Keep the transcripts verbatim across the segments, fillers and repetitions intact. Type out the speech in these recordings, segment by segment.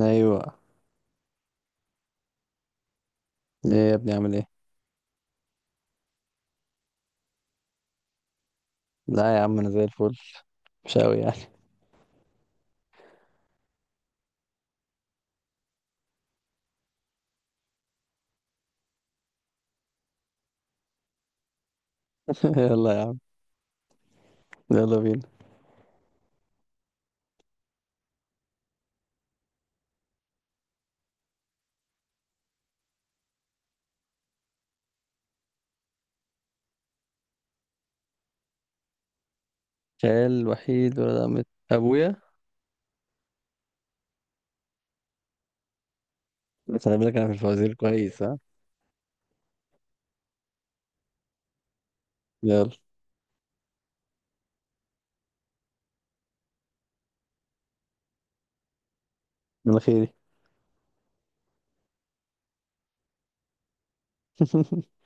ايوه. ايه يا ابني؟ عامل ايه؟ لا يا عم انا زي الفل. مش قوي يعني. يلا يا عم، يلا بينا. خال وحيد ولا مت ابويا؟ بس انا بالك انا في الفوازير كويس ها. يلا. من خيري.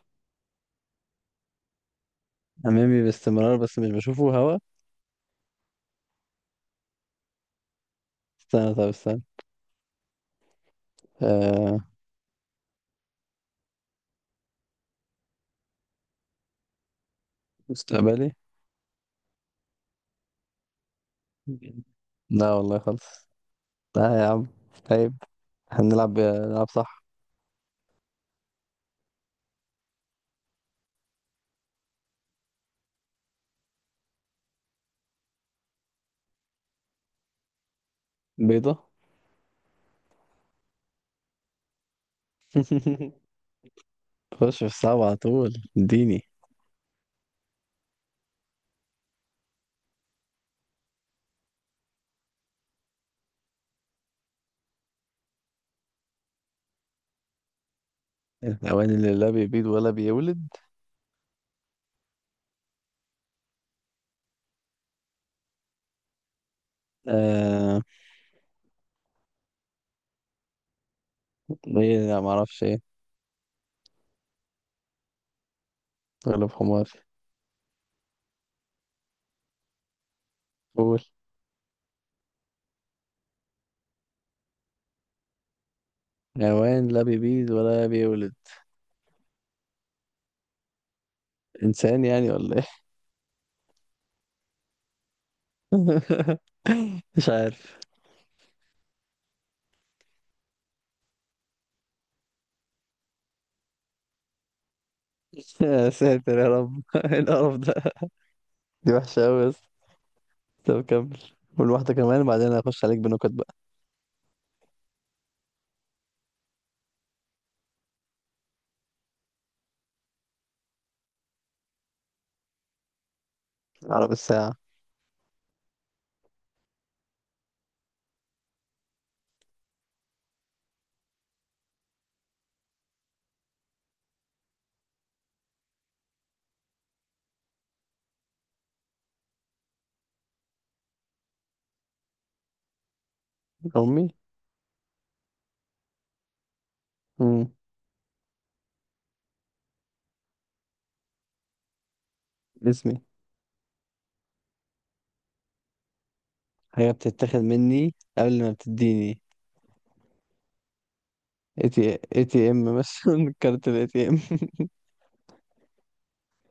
امامي باستمرار بس مش بشوفه هوا. استنى طب استنى. آه. مستقبلي. لا والله خالص، لا يا عم. طيب. هنلعب نلعب صح. بيضة. خش في الصعب على طول اديني. الحيوان اللي لا بيبيض ولا بيولد؟ آه، ايه؟ لا معرفش ايه. ولا بحمار. قول. حيوان لا بيبيض ولا بيولد؟ انسان يعني ولا ايه؟ مش عارف. يا ساتر يا رب. إيه القرف ده؟ دي وحشه قوي بس. طب كمل، قول واحده كمان وبعدين هخش عليك بنكت بقى. عرب الساعه. امي. امم. اسمي. حاجه بتتاخد مني قبل ما بتديني. اي تي اي تي ام مثلا، كارت الاي تي ام.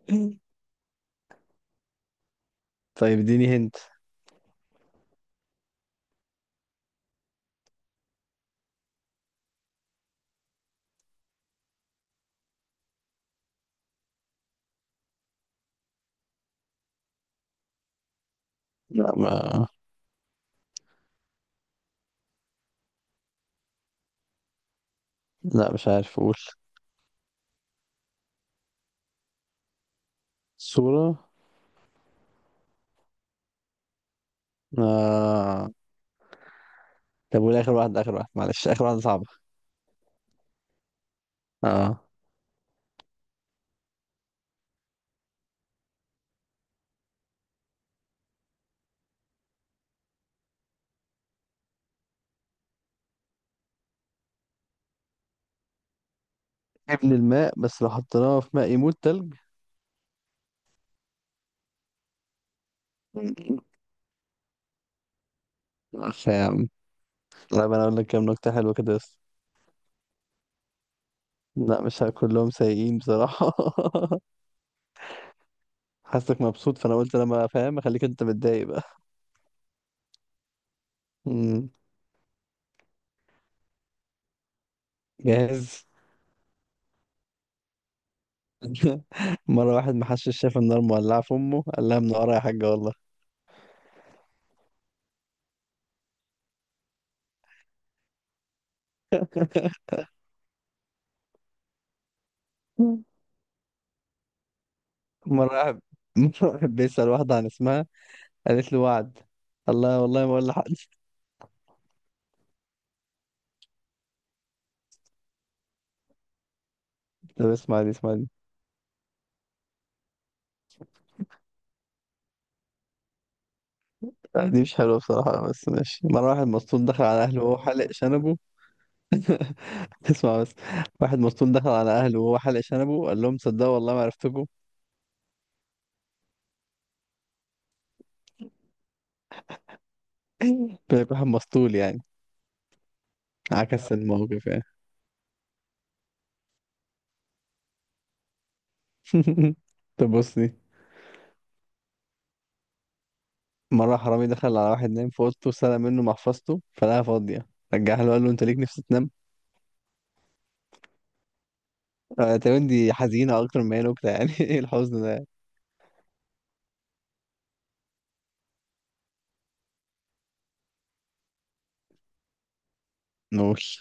طيب اديني هنت. لا ما. لا مش عارف اقول. صوره. آه. طب والاخر واحد، اخر واحد معلش، اخر واحده صعبه. اه. ابن الماء بس لو حطيناه في ماء يموت؟ تلج. عارف يا عم؟ طب انا اقول لك كام نكته حلوه كده بس. لا مش ه- كلهم سيئين بصراحه. حاسك مبسوط فانا قلت لما فاهم اخليك انت متضايق بقى. مم. جاهز. مره واحد محشش شاف النار مولعه في امه قال لها منوره يا حاجه والله. مره واحد مرة واحد بيسال واحده عن اسمها، قالت له وعد الله، والله ما اقول لحد. طب اسمعني اسمعني. لا، دي مش حلوة بصراحة بس ماشي. مرة واحد مسطول دخل على أهله وهو حلق شنبه. تسمع بس. واحد مسطول دخل على أهله وهو حلق شنبه قال لهم صدقوا والله ما عرفتكم. بيبقى واحد مسطول يعني، عكس الموقف يعني. طب بص دي. مرة حرامي دخل على واحد نايم في أوضته سرق منه محفظته فلقاها فاضية، رجعها له قال له أنت ليك نفس تنام؟ آه، تقريبا دي حزينة أكتر ما هي نكتة يعني. إيه الحزن ده؟ نوش.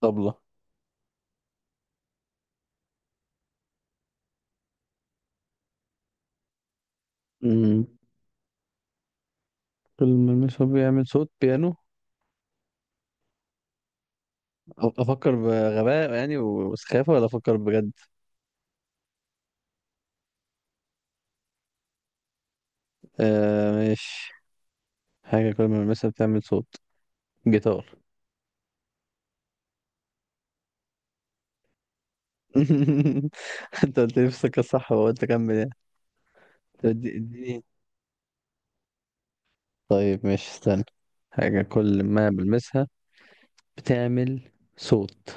طبلة. أمم. كل ما المشوار بيعمل صوت بيانو. افكر بغباء يعني وسخافه ولا افكر بجد؟ آه ماشي. حاجه كل ما المسها بتعمل صوت. جيتار. انت قلت لي في السكه الصح وقلت اكمل يعني. طب إدي- اديني. طيب ماشي، استنى. حاجه كل ما بلمسها بتعمل صوت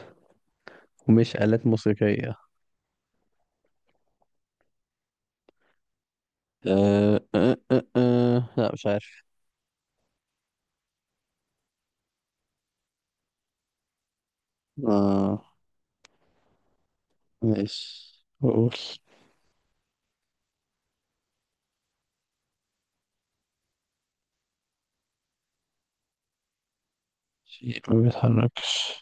ومش آلات موسيقيه. آه آه آه آه. لا مش عارف. اه ماشي بقول. شيء ما بيتحركش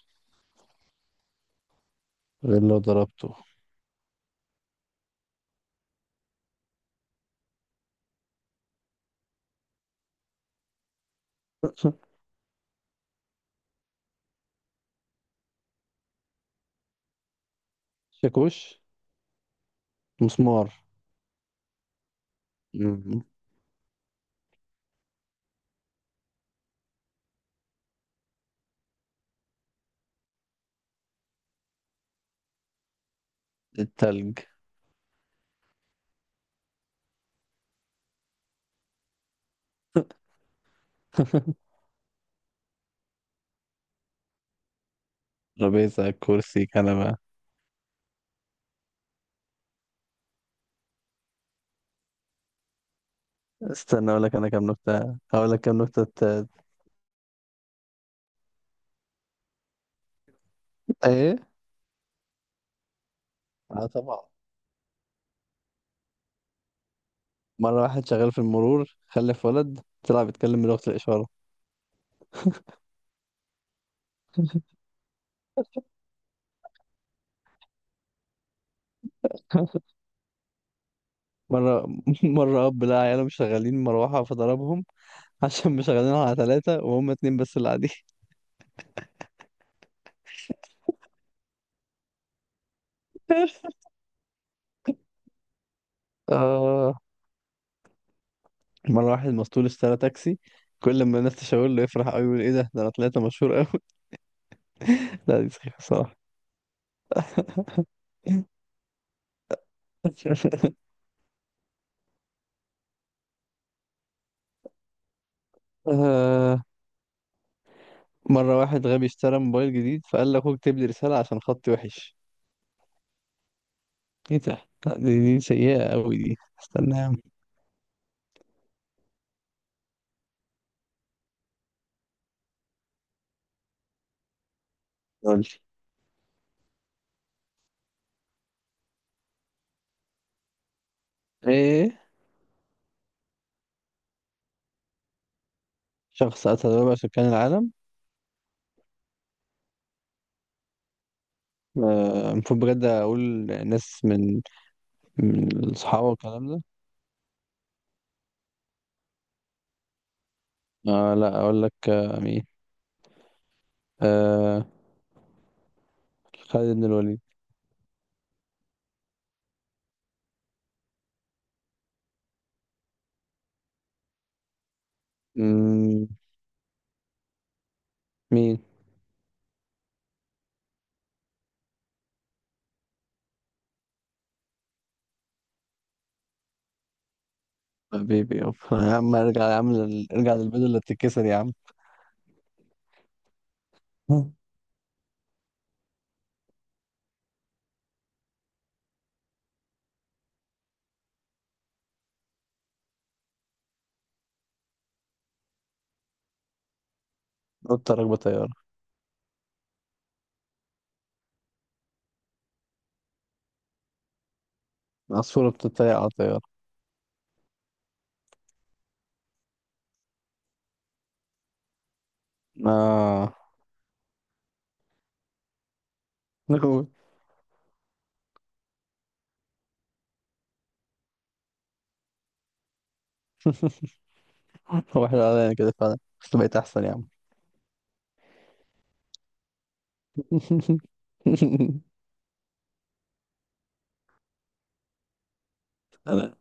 غير لو ضربته. شاكوش. مسمار. مم. التلج. ترابيزة، كرسي، كنبة. استنى اقول لك انا كام نكتة. هقول لك كام نكتة ت- ايه. اه طبعا. مرة واحد شغال في المرور خلف ولد طلع بيتكلم بلغة الإشارة. مرة مرة أب لقى عياله مش شغالين مروحة فضربهم. عشان مش شغالين على ثلاثة وهم اتنين بس اللي قاعدين. آه. مرة واحد مسطول اشترى تاكسي، كل ما الناس تشاور له يفرح قوي يقول ايه ده ده انا طلعت مشهور قوي. لا دي سخيفة صراحة. آه. مرة واحد غبي اشترى موبايل جديد فقال لأخوه اكتب لي رسالة عشان خطي وحش. ايه ده؟ لا دي, دي سيئة أوي دي. استنى يا عم. قول لي. ايه. شخص قتل ربع سكان العالم؟ آه، المفروض بجد أقول ناس من، من الصحابة والكلام ده. آه لا أقول لك، آه مين، آه، خالد بن الوليد. مم، مين؟ حبيبي يابا يا عم، ارجع يا عم لل- ارجع للبيضة اللي بتتكسر يا عم. قطة راكبة طيارة. عصفورة بتتريق على طيارة. آه. هو احنا علينا كده فعلا بس بقيت احسن يا عم. انا